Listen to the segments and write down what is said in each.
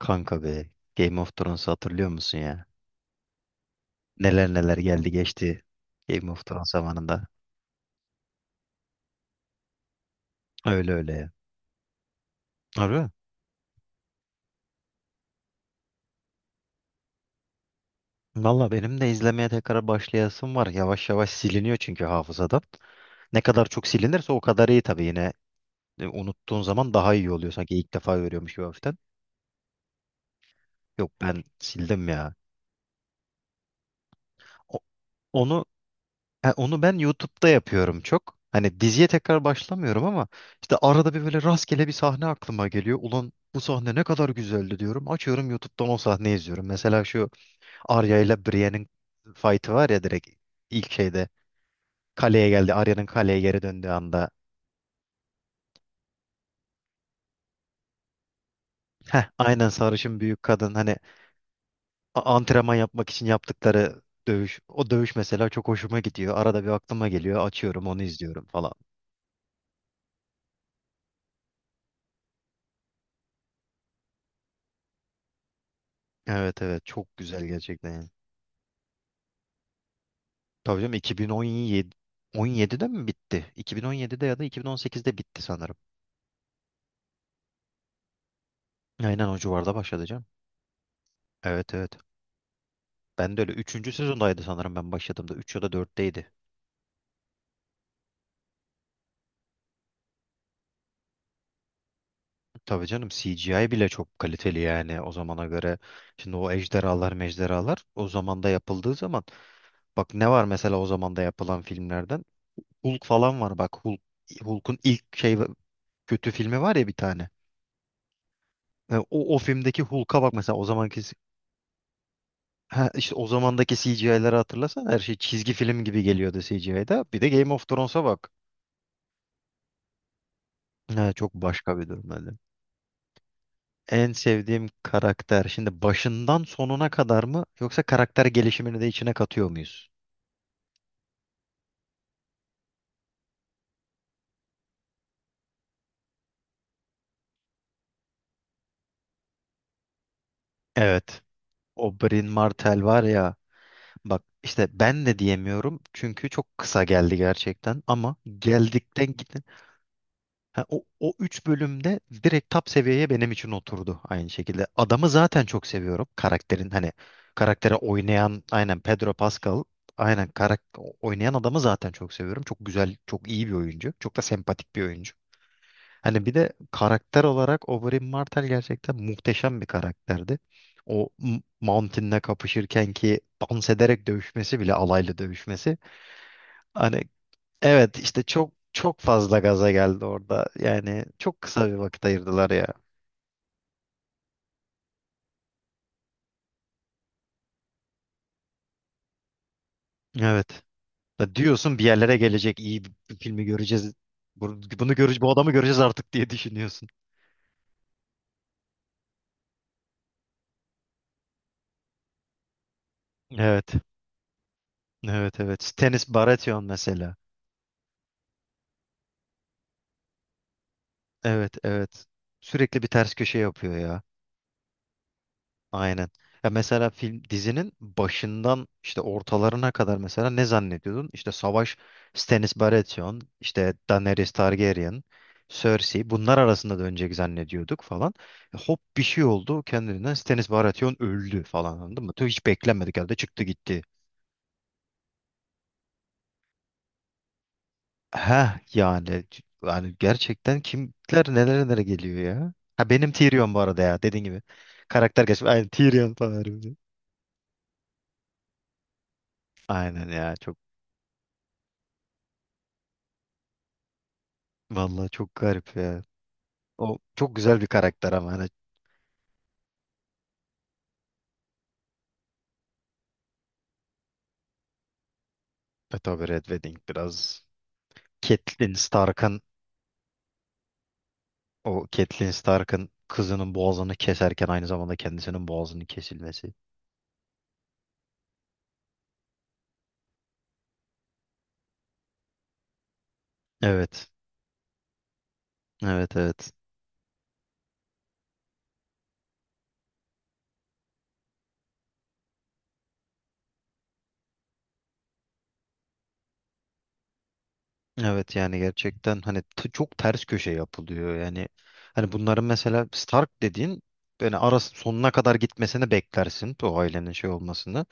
Kanka be, Game of Thrones'u hatırlıyor musun ya? Neler neler geldi geçti Game of Thrones zamanında. Öyle öyle ya. Harbi. Valla benim de izlemeye tekrar başlayasım var. Yavaş yavaş siliniyor çünkü hafızadan. Ne kadar çok silinirse o kadar iyi tabii yine. Unuttuğun zaman daha iyi oluyor sanki ilk defa görüyormuş gibi hafiften. Yok ben sildim ya. O- Onu Ha, onu ben YouTube'da yapıyorum çok. Hani diziye tekrar başlamıyorum ama işte arada bir böyle rastgele bir sahne aklıma geliyor. Ulan bu sahne ne kadar güzeldi diyorum. Açıyorum YouTube'dan o sahneyi izliyorum. Mesela şu Arya ile Brienne'in fight'ı var ya, direkt ilk şeyde kaleye geldi. Arya'nın kaleye geri döndüğü anda. Heh, aynen, sarışın büyük kadın hani antrenman yapmak için yaptıkları dövüş. O dövüş mesela çok hoşuma gidiyor. Arada bir aklıma geliyor. Açıyorum onu izliyorum falan. Evet evet, çok güzel gerçekten, yani. Tabii canım, 2017, 17'de mi bitti? 2017'de ya da 2018'de bitti sanırım. Aynen, o civarda başladı canım. Evet evet. Ben de öyle. Üçüncü sezondaydı sanırım ben başladığımda, 3 ya da dörtteydi. Tabii canım, CGI bile çok kaliteli yani o zamana göre. Şimdi o ejderhalar mejderhalar o zamanda yapıldığı zaman. Bak ne var mesela o zamanda yapılan filmlerden? Hulk falan var bak. Hulk'un ilk şey kötü filmi var ya bir tane. O filmdeki Hulk'a bak mesela, o zamanki. Ha, işte o zamandaki CGI'leri hatırlasan her şey çizgi film gibi geliyordu CGI'da. Bir de Game of Thrones'a bak. Ha, çok başka bir durum öyle. En sevdiğim karakter. Şimdi başından sonuna kadar mı, yoksa karakter gelişimini de içine katıyor muyuz? Evet. O Bryn Martell var ya. Bak işte ben de diyemiyorum çünkü çok kısa geldi gerçekten, ama geldikten gidin. Ha, o üç bölümde direkt top seviyeye benim için oturdu aynı şekilde. Adamı zaten çok seviyorum. Karakterin hani karaktere oynayan, aynen Pedro Pascal, aynen oynayan adamı zaten çok seviyorum. Çok güzel, çok iyi bir oyuncu. Çok da sempatik bir oyuncu. Hani bir de karakter olarak Oberyn Martell gerçekten muhteşem bir karakterdi. O Mountain'le kapışırken ki dans ederek dövüşmesi bile, alaylı dövüşmesi. Hani, evet, işte çok çok fazla gaza geldi orada. Yani çok kısa bir vakit ayırdılar ya. Evet. Ya diyorsun, bir yerlere gelecek, iyi bir filmi göreceğiz. Bunu göreceğiz, bu adamı göreceğiz artık diye düşünüyorsun. Evet. Evet evet. Stannis Baratheon mesela. Evet evet. Sürekli bir ters köşe yapıyor ya. Aynen. Ya mesela film dizinin başından işte ortalarına kadar mesela ne zannediyordun? İşte Savaş, Stannis Baratheon, işte Daenerys Targaryen, Cersei, bunlar arasında dönecek zannediyorduk falan. Hop bir şey oldu kendinden, Stannis Baratheon öldü falan, anladın mı? Tüh, hiç beklenmedik halde çıktı gitti. Heh, yani gerçekten kimler nelere nelere geliyor ya. Ha, benim Tyrion bu arada, ya dediğin gibi. Karakter gerçekten aynen Tyrion falan, harbiden. Aynen ya. Vallahi çok garip ya. O çok güzel bir karakter ama hani Beto, Red Wedding biraz, Catelyn Stark'ın Catelyn Stark'ın kızının boğazını keserken aynı zamanda kendisinin boğazının kesilmesi. Evet. Evet evet. Evet yani gerçekten hani çok ters köşe yapılıyor yani. Hani bunların mesela Stark dediğin, yani arası sonuna kadar gitmesini beklersin o ailenin, şey olmasını.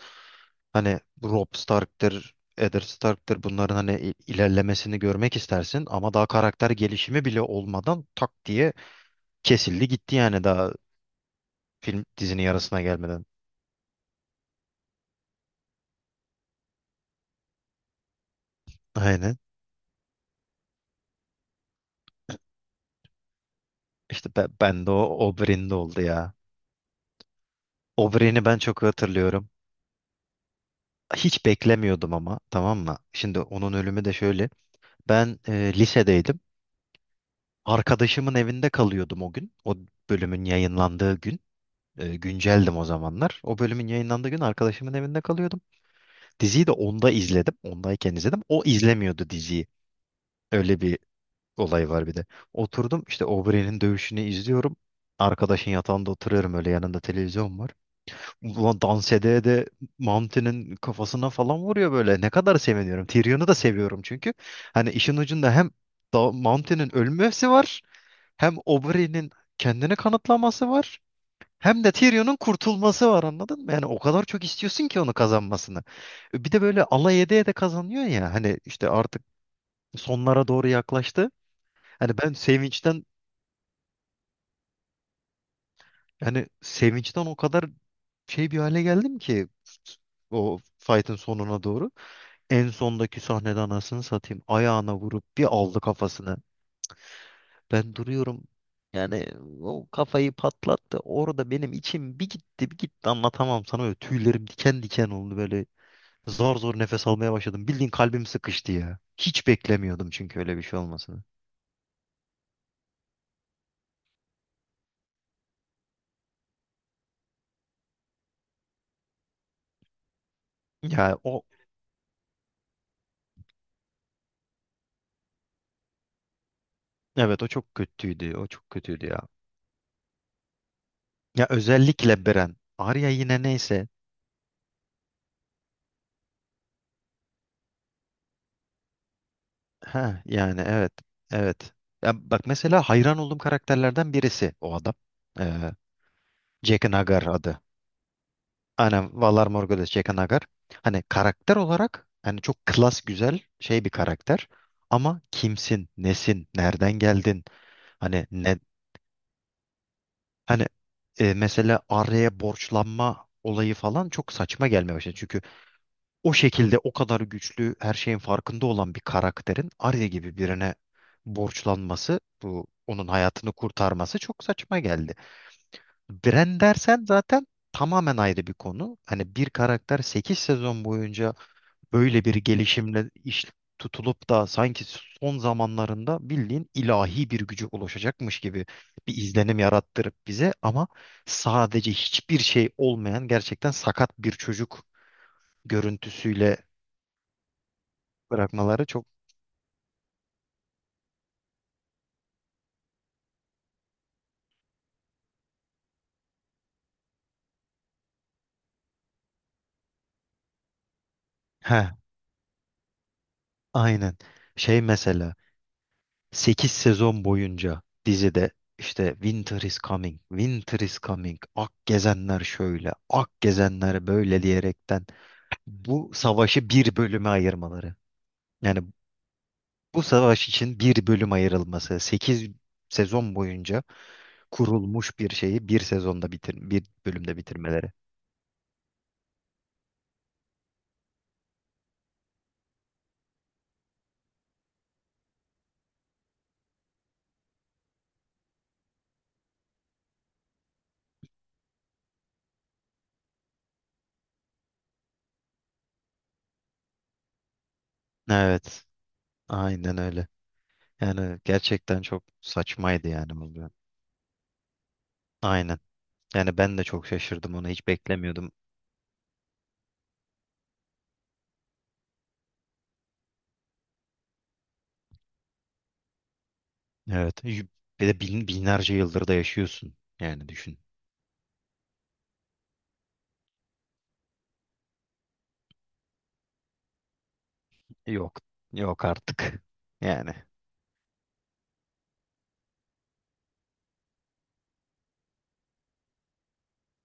Hani Robb Stark'tır, Eddard Stark'tır, bunların hani ilerlemesini görmek istersin ama daha karakter gelişimi bile olmadan tak diye kesildi gitti yani, daha film dizinin yarısına gelmeden. Aynen. İşte ben de o Oberyn'de oldu ya. Oberyn'i ben çok hatırlıyorum. Hiç beklemiyordum ama, tamam mı? Şimdi onun ölümü de şöyle. Ben lisedeydim. Arkadaşımın evinde kalıyordum o gün. O bölümün yayınlandığı gün. Günceldim o zamanlar. O bölümün yayınlandığı gün arkadaşımın evinde kalıyordum. Diziyi de onda izledim. Ondayken izledim. O izlemiyordu diziyi. Öyle bir olay var bir de. Oturdum işte Aubrey'nin dövüşünü izliyorum. Arkadaşın yatağında oturuyorum öyle, yanında televizyon var. Ulan dans edeye de Mountain'in kafasına falan vuruyor böyle. Ne kadar seviniyorum. Tyrion'u da seviyorum çünkü. Hani işin ucunda hem da Mountain'in ölmesi var, hem Aubrey'nin kendini kanıtlaması var. Hem de Tyrion'un kurtulması var, anladın mı? Yani o kadar çok istiyorsun ki onu kazanmasını. Bir de böyle alay ede ede kazanıyor ya. Hani işte artık sonlara doğru yaklaştı. Hani ben sevinçten, yani sevinçten o kadar şey bir hale geldim ki, o fight'ın sonuna doğru. En sondaki sahnede, anasını satayım, ayağına vurup bir aldı kafasını. Ben duruyorum. Yani o kafayı patlattı. Orada benim içim bir gitti bir gitti, anlatamam sana. Böyle tüylerim diken diken oldu böyle. Zor zor nefes almaya başladım. Bildiğin kalbim sıkıştı ya. Hiç beklemiyordum çünkü öyle bir şey olmasını. Ya o, evet, o çok kötüydü. O çok kötüydü ya. Ya özellikle Beren. Arya yine neyse. Ha, yani, evet. Evet. Ya bak mesela, hayran olduğum karakterlerden birisi o adam. Ee, Jaqen H'ghar adı. Aynen, Valar Morghulis Jaqen H'ghar. Hani karakter olarak hani çok klas, güzel şey bir karakter. Ama kimsin, nesin, nereden geldin? Hani ne, Hani Mesela araya borçlanma olayı falan çok saçma gelmeye başladı. Çünkü o şekilde o kadar güçlü, her şeyin farkında olan bir karakterin Arya gibi birine borçlanması, bu onun hayatını kurtarması, çok saçma geldi. Bran dersen zaten tamamen ayrı bir konu. Hani bir karakter 8 sezon boyunca böyle bir gelişimle iş tutulup da sanki son zamanlarında bildiğin ilahi bir gücü ulaşacakmış gibi bir izlenim yarattırıp bize ama sadece hiçbir şey olmayan, gerçekten sakat bir çocuk görüntüsüyle bırakmaları çok. He, aynen şey, mesela 8 sezon boyunca dizide işte Winter is coming, Winter is coming, Ak gezenler şöyle, Ak gezenler böyle diyerekten bu savaşı bir bölüme ayırmaları. Yani bu savaş için bir bölüm ayrılması, 8 sezon boyunca kurulmuş bir şeyi bir sezonda bir bölümde bitirmeleri. Evet, aynen öyle. Yani gerçekten çok saçmaydı yani bu bölüm. Aynen. Yani ben de çok şaşırdım, onu hiç beklemiyordum. Evet. Bir de binlerce yıldır da yaşıyorsun. Yani düşün. Yok. Yok artık. Yani.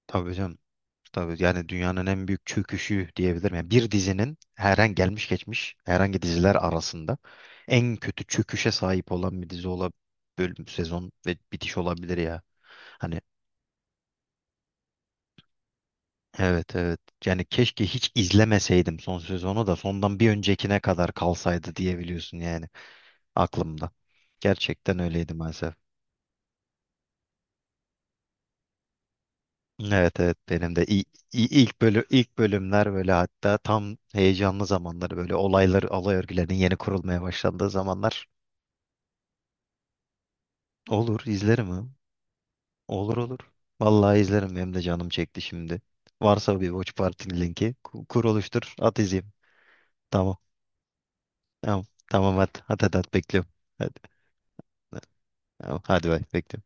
Tabii canım. Tabii yani dünyanın en büyük çöküşü diyebilirim. Yani bir dizinin, herhangi gelmiş geçmiş herhangi diziler arasında en kötü çöküşe sahip olan bir dizi olabilir. Bölüm, sezon ve bitiş olabilir ya. Hani, evet evet. Yani keşke hiç izlemeseydim son sezonu, da sondan bir öncekine kadar kalsaydı diyebiliyorsun yani aklımda. Gerçekten öyleydi maalesef. Evet evet, benim de ilk bölümler böyle, hatta tam heyecanlı zamanları, böyle olaylar olay örgülerinin yeni kurulmaya başlandığı zamanlar, olur izlerim ha. Olur olur. Vallahi izlerim, benim de canım çekti şimdi. Varsa bir Watch Party linki kur, oluştur, at, izleyeyim. Tamam. Tamam. Tamam hadi. Hadi hadi, hadi bekliyorum. Hadi. Tamam, hadi bay, bekliyorum.